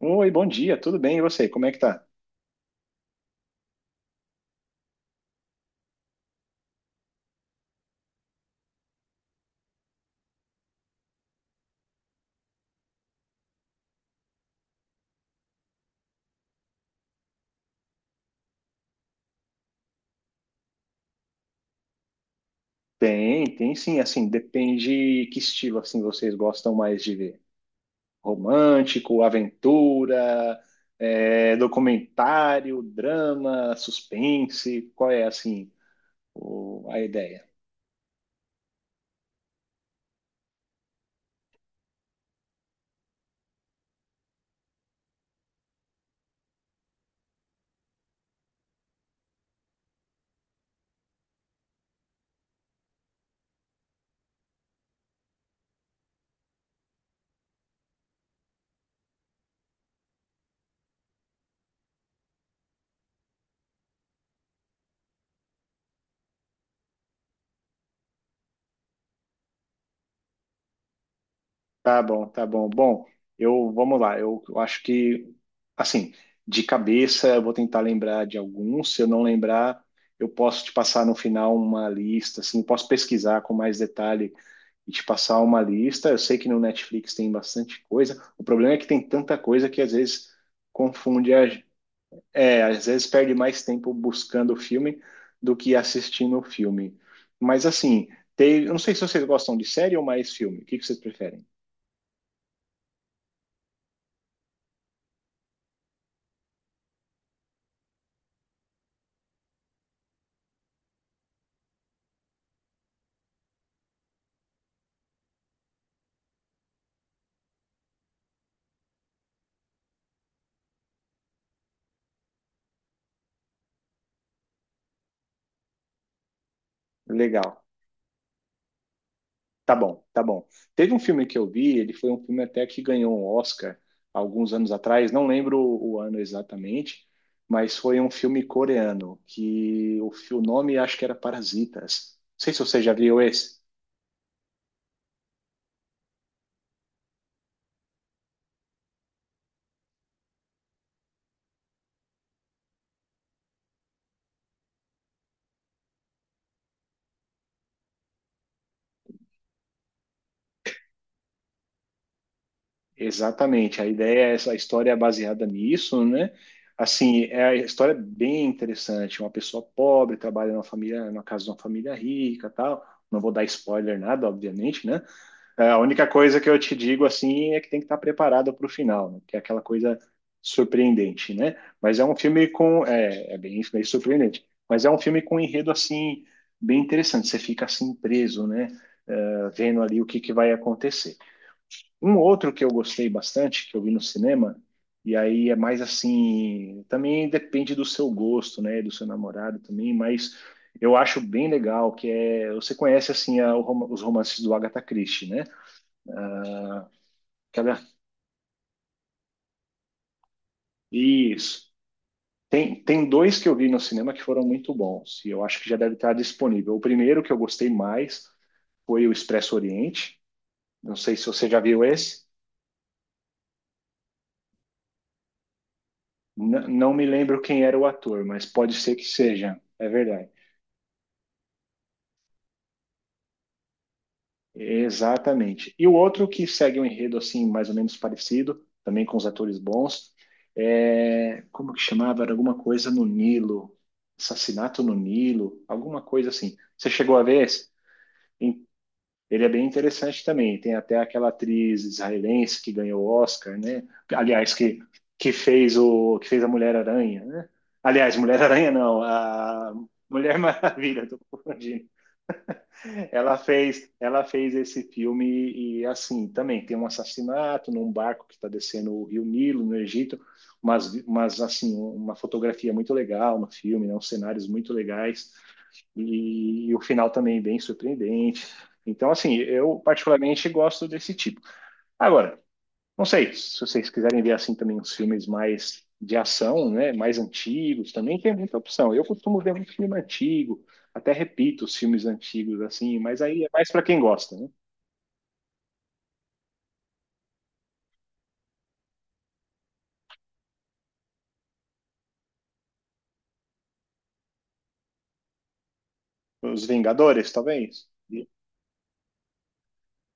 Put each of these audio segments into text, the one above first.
Oi, bom dia, tudo bem? E você, como é que tá? Tem, tem sim, assim, depende que estilo, assim, vocês gostam mais de ver. Romântico, aventura, é, documentário, drama, suspense, qual é, assim, a ideia? Tá bom, tá bom. Bom, eu vamos lá. Eu acho que assim, de cabeça eu vou tentar lembrar de alguns. Se eu não lembrar, eu posso te passar no final uma lista, assim, posso pesquisar com mais detalhe e te passar uma lista. Eu sei que no Netflix tem bastante coisa. O problema é que tem tanta coisa que às vezes confunde a, é, às vezes perde mais tempo buscando o filme do que assistindo o filme. Mas assim, tem, eu não sei se vocês gostam de série ou mais filme. O que que vocês preferem? Legal. Tá bom, tá bom. Teve um filme que eu vi, ele foi um filme até que ganhou um Oscar alguns anos atrás, não lembro o ano exatamente, mas foi um filme coreano que o nome acho que era Parasitas. Não sei se você já viu esse. Exatamente, a ideia é essa, a história é baseada nisso, né? Assim, é a história é bem interessante. Uma pessoa pobre trabalha numa família, na casa de uma família rica, tal. Não vou dar spoiler nada, obviamente, né? É, a única coisa que eu te digo assim é que tem que estar preparado para o final, né? Que é aquela coisa surpreendente, né? Mas é um filme com é, é bem, bem surpreendente, mas é um filme com um enredo assim bem interessante. Você fica assim preso, né? É, vendo ali o que que vai acontecer. Um outro que eu gostei bastante que eu vi no cinema e aí é mais assim também depende do seu gosto, né? Do seu namorado também, mas eu acho bem legal que é você conhece assim os romances do Agatha Christie, né? Aquela Isso. Tem, tem dois que eu vi no cinema que foram muito bons, e eu acho que já deve estar disponível. O primeiro que eu gostei mais foi o Expresso Oriente. Não sei se você já viu esse. Não me lembro quem era o ator, mas pode ser que seja. É verdade. Exatamente. E o outro que segue um enredo assim, mais ou menos parecido, também com os atores bons, é... como que chamava? Era alguma coisa no Nilo. Assassinato no Nilo, alguma coisa assim. Você chegou a ver esse? Ele é bem interessante também. Tem até aquela atriz israelense que ganhou o Oscar, né? Aliás, que fez o que fez a Mulher Aranha, né? Aliás, Mulher Aranha não, a Mulher Maravilha, tô confundindo. Ela fez esse filme e assim, também tem um assassinato num barco que está descendo o Rio Nilo no Egito, mas assim, uma fotografia muito legal no filme, né? Uns cenários muito legais e o final também bem surpreendente. Então, assim, eu particularmente gosto desse tipo. Agora, não sei, se vocês quiserem ver assim também uns filmes mais de ação, né, mais antigos, também tem muita opção. Eu costumo ver muito filme antigo, até repito os filmes antigos assim, mas aí é mais para quem gosta, né? Os Vingadores, talvez.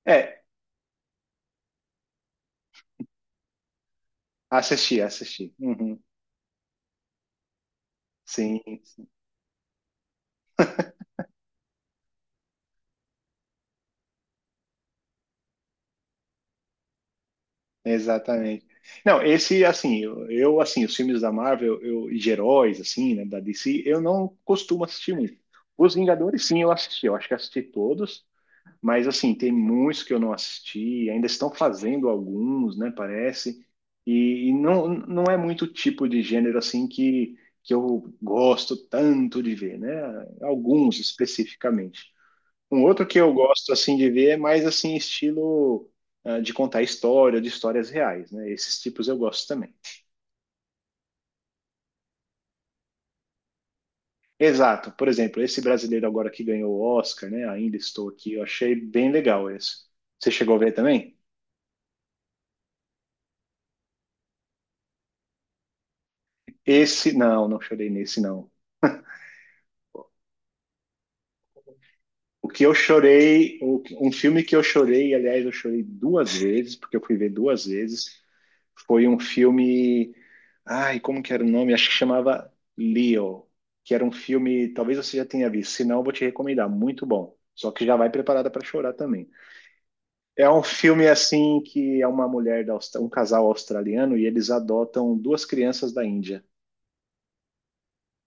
É, assisti, assisti. Uhum, sim, exatamente. Não, esse, assim, assim, os filmes da Marvel eu, e de heróis, assim, né, da DC, eu não costumo assistir muito. Os Vingadores, sim, eu assisti. Eu acho que assisti todos, mas, assim, tem muitos que eu não assisti. Ainda estão fazendo alguns, né, parece. E não, não é muito tipo de gênero, assim, que eu gosto tanto de ver, né? Alguns especificamente. Um outro que eu gosto assim de ver é mais assim estilo ah, de contar história, de histórias reais, né? Esses tipos eu gosto também. Exato. Por exemplo, esse brasileiro agora que ganhou o Oscar, né? Ainda estou aqui, eu achei bem legal esse. Você chegou a ver também? Esse não, não chorei nesse não. O que eu chorei, um filme que eu chorei, aliás, eu chorei duas vezes, porque eu fui ver duas vezes, foi um filme. Ai, como que era o nome? Acho que chamava Leo, que era um filme, talvez você já tenha visto, se não, eu vou te recomendar, muito bom. Só que já vai preparada para chorar também. É um filme assim que é uma mulher da Austra- um casal australiano e eles adotam duas crianças da Índia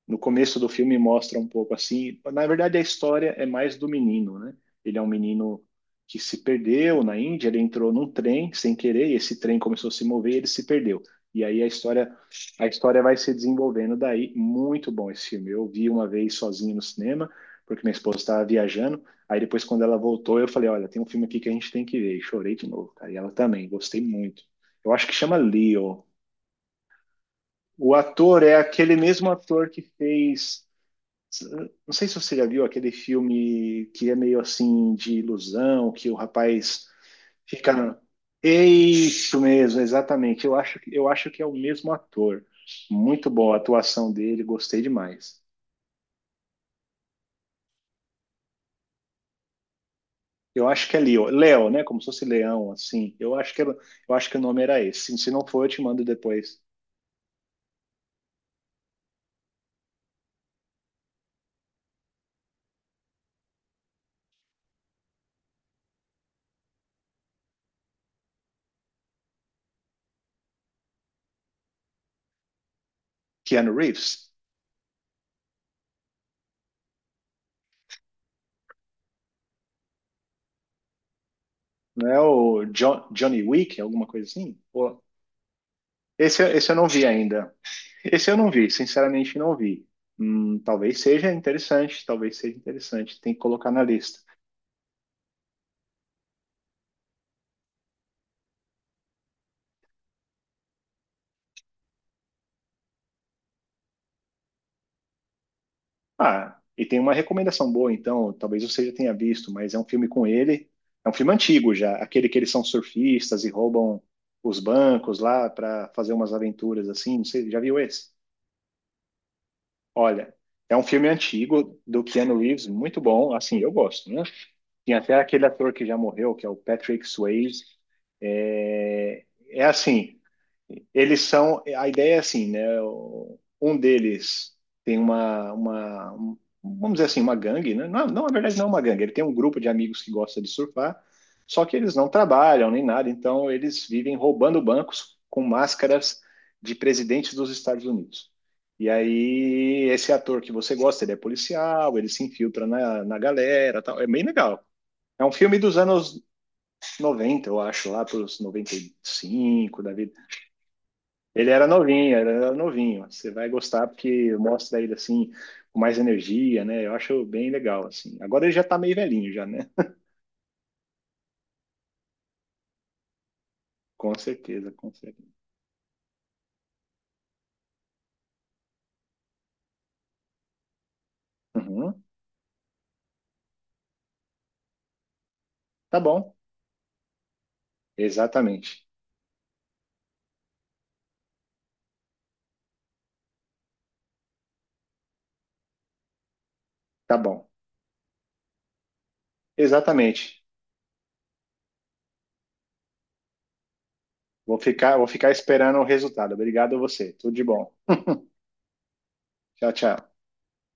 no começo do filme mostra um pouco assim. Na verdade, a história é mais do menino, né? Ele é um menino que se perdeu na Índia, ele entrou num trem sem querer, e esse trem começou a se mover e ele se perdeu. E aí a história vai se desenvolvendo daí. Muito bom esse filme. Eu vi uma vez sozinho no cinema, porque minha esposa estava viajando. Aí depois, quando ela voltou, eu falei: Olha, tem um filme aqui que a gente tem que ver. E chorei de novo, cara. E ela também, gostei muito. Eu acho que chama Leo. O ator é aquele mesmo ator que fez não sei se você já viu aquele filme que é meio assim de ilusão, que o rapaz fica. É isso mesmo, exatamente. Eu acho que é o mesmo ator. Muito boa a atuação dele, gostei demais. Eu acho que é Leo, Leo, né? Como se fosse Leão, assim. Eu acho que o nome era esse. Se não for, eu te mando depois. Keanu Reeves, não é o Johnny Wick, alguma coisa assim? Pô, esse eu não vi ainda. Esse eu não vi, sinceramente não vi. Talvez seja interessante, tem que colocar na lista. Ah, e tem uma recomendação boa, então, talvez você já tenha visto, mas é um filme com ele, é um filme antigo já, aquele que eles são surfistas e roubam os bancos lá para fazer umas aventuras assim, não sei, já viu esse? Olha, é um filme antigo do Keanu Reeves, muito bom, assim, eu gosto, né? Tem até aquele ator que já morreu, que é o Patrick Swayze, é, é assim, eles são. A ideia é assim, né? Um deles tem vamos dizer assim, uma gangue, né? Não, não, na verdade, não é uma gangue. Ele tem um grupo de amigos que gosta de surfar, só que eles não trabalham nem nada, então eles vivem roubando bancos com máscaras de presidentes dos Estados Unidos. E aí, esse ator que você gosta, ele é policial, ele se infiltra na galera, tal. É bem legal. É um filme dos anos 90 eu acho, lá para os 95 Davi. Ele era novinho. Você vai gostar porque mostra ele assim com mais energia, né? Eu acho bem legal assim. Agora ele já tá meio velhinho já, né? Com certeza. Uhum. Tá bom. Exatamente. Tá bom. Exatamente. Vou ficar esperando o resultado. Obrigado a você. Tudo de bom. Tchau, tchau.